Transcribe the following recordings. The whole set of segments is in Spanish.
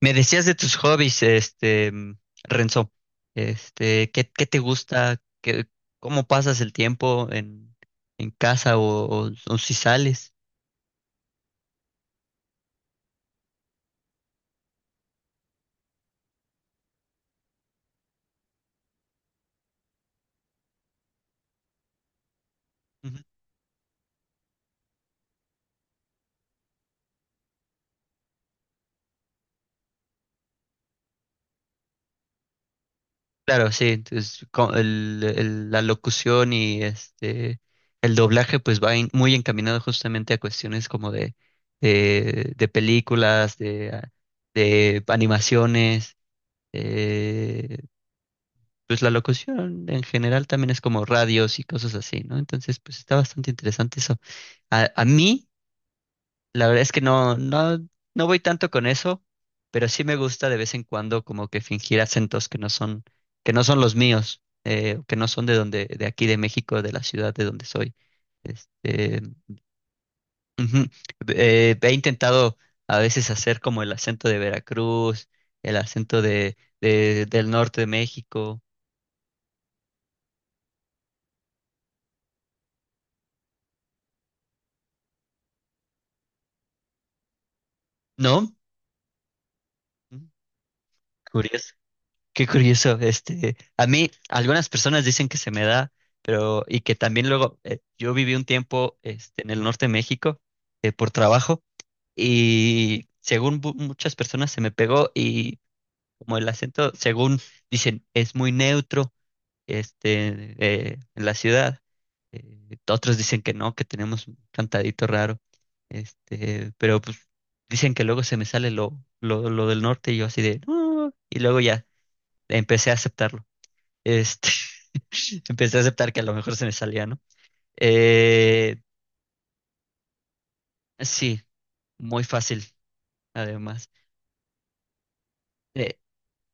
Me decías de tus hobbies, Renzo, qué te gusta? Cómo pasas el tiempo en casa o si sales? Ujú. Claro, sí, entonces la locución y el doblaje pues muy encaminado justamente a cuestiones como de películas, de animaciones, eh, pues la locución en general también es como radios y cosas así, ¿no? Entonces, pues está bastante interesante eso. A mí, la verdad es que no voy tanto con eso, pero sí me gusta de vez en cuando como que fingir acentos que no son los míos, que no son de donde, de aquí de México, de la ciudad de donde soy. Este, ujú. He intentado a veces hacer como el acento de Veracruz, el acento del norte de México, ¿no? Ujú. Curioso. Qué curioso, a mí algunas personas dicen que se me da, pero y que también luego yo viví un tiempo en el norte de México por trabajo y según muchas personas se me pegó y como el acento, según dicen, es muy neutro en la ciudad. Otros dicen que no, que tenemos un cantadito raro, pero pues dicen que luego se me sale lo del norte y yo así de, "No", y luego ya empecé a aceptarlo. Este, empecé a aceptar que a lo mejor se me salía, ¿no? Eh, sí, muy fácil, además. Eh,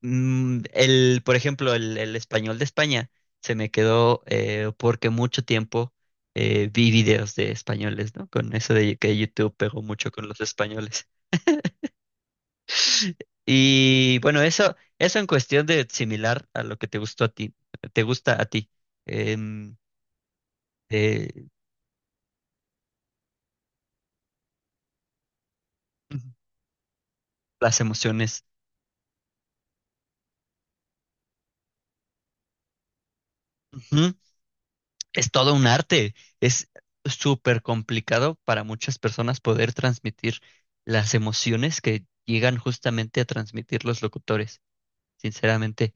por ejemplo, el español de España se me quedó porque mucho tiempo vi videos de españoles, ¿no? Con eso de que YouTube pegó mucho con los españoles. Y bueno, eso en cuestión de similar a lo que te gustó a ti, te gusta a ti, em, eh, las emociones. Ujú. Es todo un arte. Es súper complicado para muchas personas poder transmitir las emociones que llegan justamente a transmitir los locutores, sinceramente.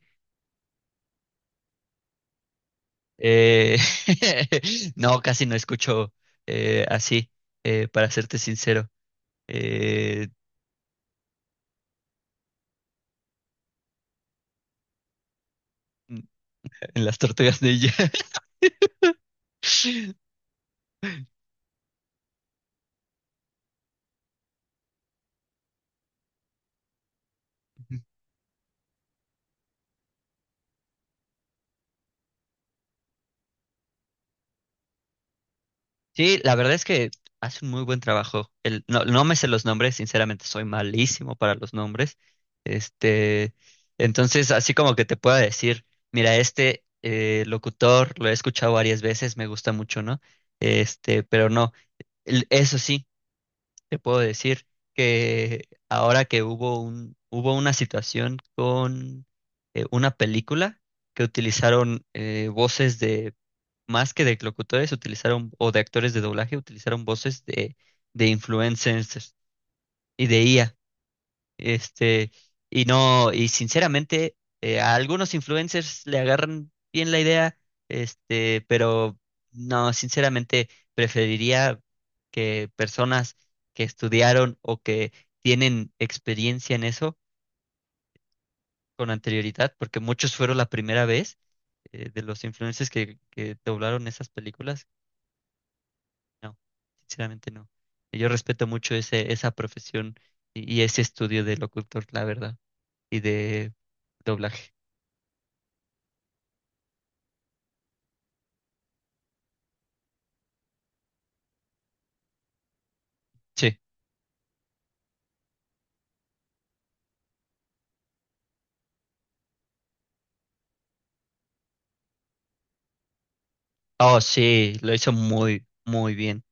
Eh, no, casi no escucho eh, así, para serte sincero, eh, en las tortugas ninja. Sí, la verdad es que hace un muy buen trabajo. El, no, no me sé los nombres, sinceramente soy malísimo para los nombres. Este, entonces, así como que te pueda decir, mira, locutor lo he escuchado varias veces, me gusta mucho, ¿no? Este, pero no, eso sí, te puedo decir que ahora que hubo hubo una situación con una película que utilizaron voces más que de locutores, utilizaron, o de actores de doblaje, utilizaron voces de influencers y de IA. Este, y no, y sinceramente, a algunos influencers le agarran bien la idea, este, pero no, sinceramente, preferiría que personas que estudiaron o que tienen experiencia en eso con anterioridad, porque muchos fueron la primera vez de los influencers que doblaron esas películas. No, sinceramente no. Yo respeto mucho esa profesión y ese estudio del locutor, la verdad, y de doblaje. Sí. Oh, sí, lo hizo muy, muy bien.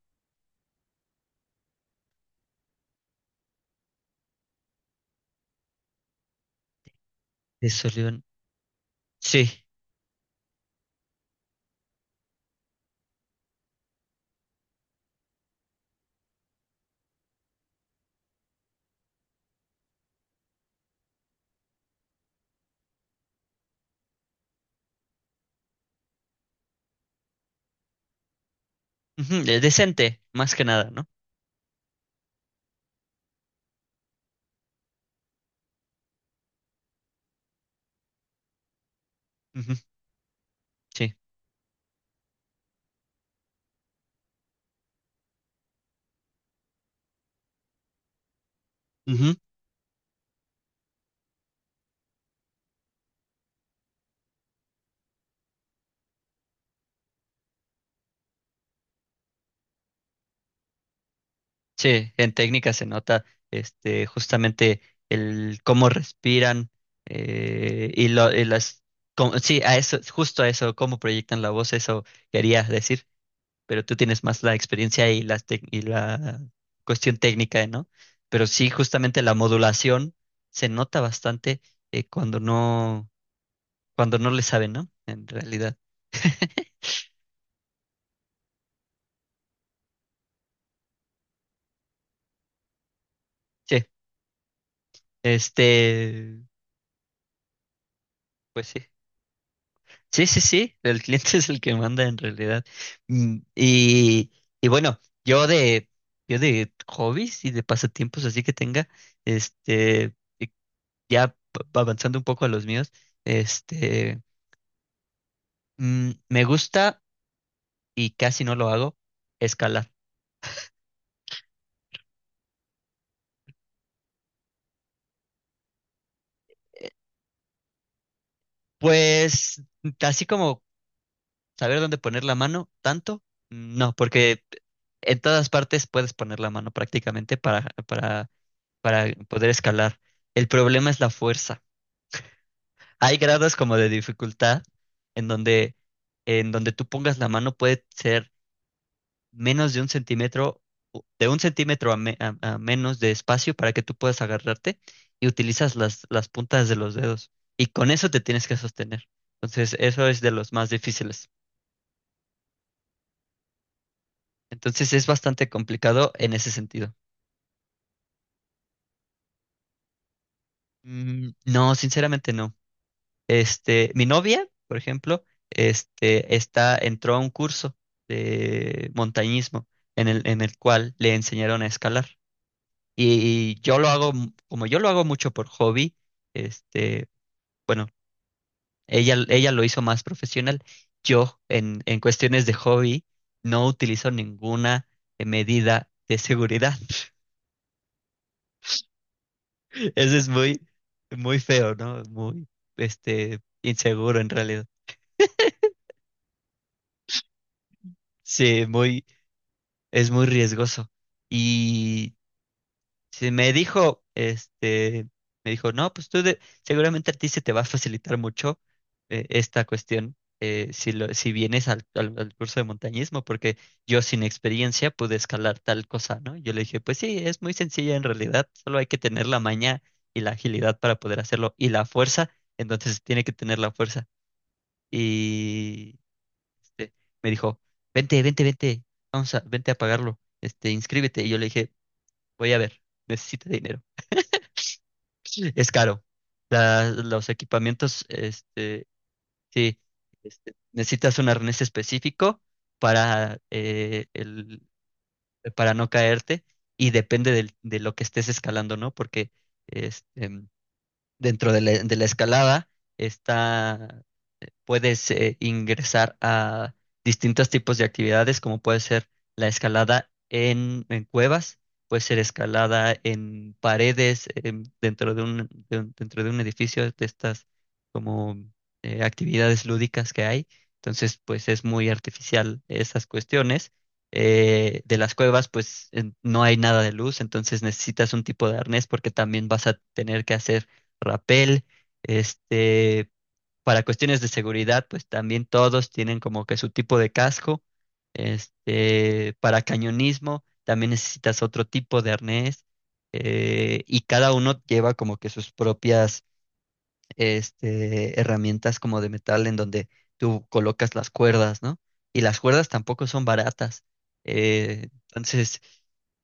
De Solión. Sí. Ujú, decente, más que nada, ¿no? Ujú, sí. Ujú, sí, en técnica se nota justamente el cómo respiran y las... sí, a eso, justo a eso, cómo proyectan la voz, eso quería decir. Pero tú tienes más la experiencia y, y la cuestión técnica, ¿no? Pero sí, justamente la modulación se nota bastante eh, cuando no, cuando no le saben, ¿no? En realidad. Sí, este, pues sí. Sí, sí, sí, el cliente es el que manda en realidad. Mm, y bueno, yo de, yo de hobbies y de pasatiempos así que tenga, este, y ya avanzando un poco a los míos, este, me gusta y casi no lo hago, escalar. Pues así como saber dónde poner la mano, tanto, no, porque en todas partes puedes poner la mano prácticamente para poder escalar. El problema es la fuerza. Hay grados como de dificultad en donde, en donde tú pongas la mano puede ser menos de un centímetro a menos de espacio para que tú puedas agarrarte y utilizas las puntas de los dedos. Y con eso te tienes que sostener. Entonces, eso es de los más difíciles. Entonces, es bastante complicado en ese sentido. Mm, no, sinceramente no. Este, mi novia, por ejemplo, entró a un curso de montañismo en el cual le enseñaron a escalar. Y yo lo hago, como yo lo hago mucho por hobby, este, bueno, ella lo hizo más profesional. En cuestiones de hobby, no utilizo ninguna medida de seguridad. Eso es muy, muy feo, ¿no? Muy, este, inseguro en realidad. Sí, muy, es muy riesgoso. Y si me dijo, este, me dijo, no, pues tú seguramente a ti se te va a facilitar mucho esta cuestión si vienes al curso de montañismo, porque yo sin experiencia pude escalar tal cosa, ¿no? Yo le dije, pues sí, es muy sencilla en realidad, solo hay que tener la maña y la agilidad para poder hacerlo y la fuerza, entonces tiene que tener la fuerza. Y este, me dijo, vente, vamos a, vente a pagarlo, este, inscríbete. Y yo le dije, voy a ver, necesito dinero. Es caro. Los equipamientos, este, sí, este, necesitas un arnés específico para, para no caerte y depende de lo que estés escalando, ¿no? Porque este, dentro de de la escalada está puedes ingresar a distintos tipos de actividades, como puede ser la escalada en cuevas, puede ser escalada en paredes dentro de dentro de un edificio de estas como actividades lúdicas que hay. Entonces, pues es muy artificial esas cuestiones. De las cuevas, pues no hay nada de luz, entonces necesitas un tipo de arnés porque también vas a tener que hacer rapel, este, para cuestiones de seguridad, pues también todos tienen como que su tipo de casco. Este, para cañonismo, también necesitas otro tipo de arnés. Y cada uno lleva como que sus propias este, herramientas como de metal en donde tú colocas las cuerdas, ¿no? Y las cuerdas tampoco son baratas. Entonces,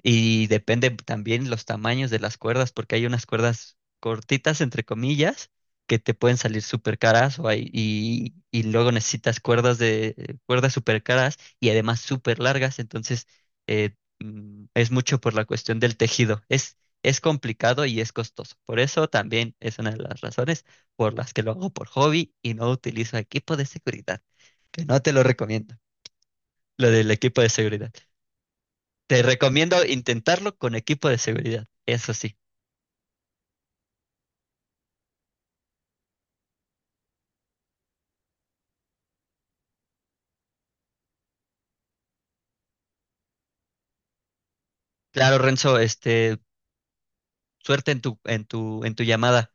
y depende también los tamaños de las cuerdas, porque hay unas cuerdas cortitas, entre comillas, que te pueden salir súper caras o y luego necesitas cuerdas de cuerdas súper caras y además súper largas, entonces eh, es mucho por la cuestión del tejido. Es complicado y es costoso. Por eso también es una de las razones por las que lo hago por hobby y no utilizo equipo de seguridad, que no te lo recomiendo, lo del equipo de seguridad. Te recomiendo intentarlo con equipo de seguridad, eso sí. Claro, Renzo, este, suerte en tu, en tu, en tu llamada.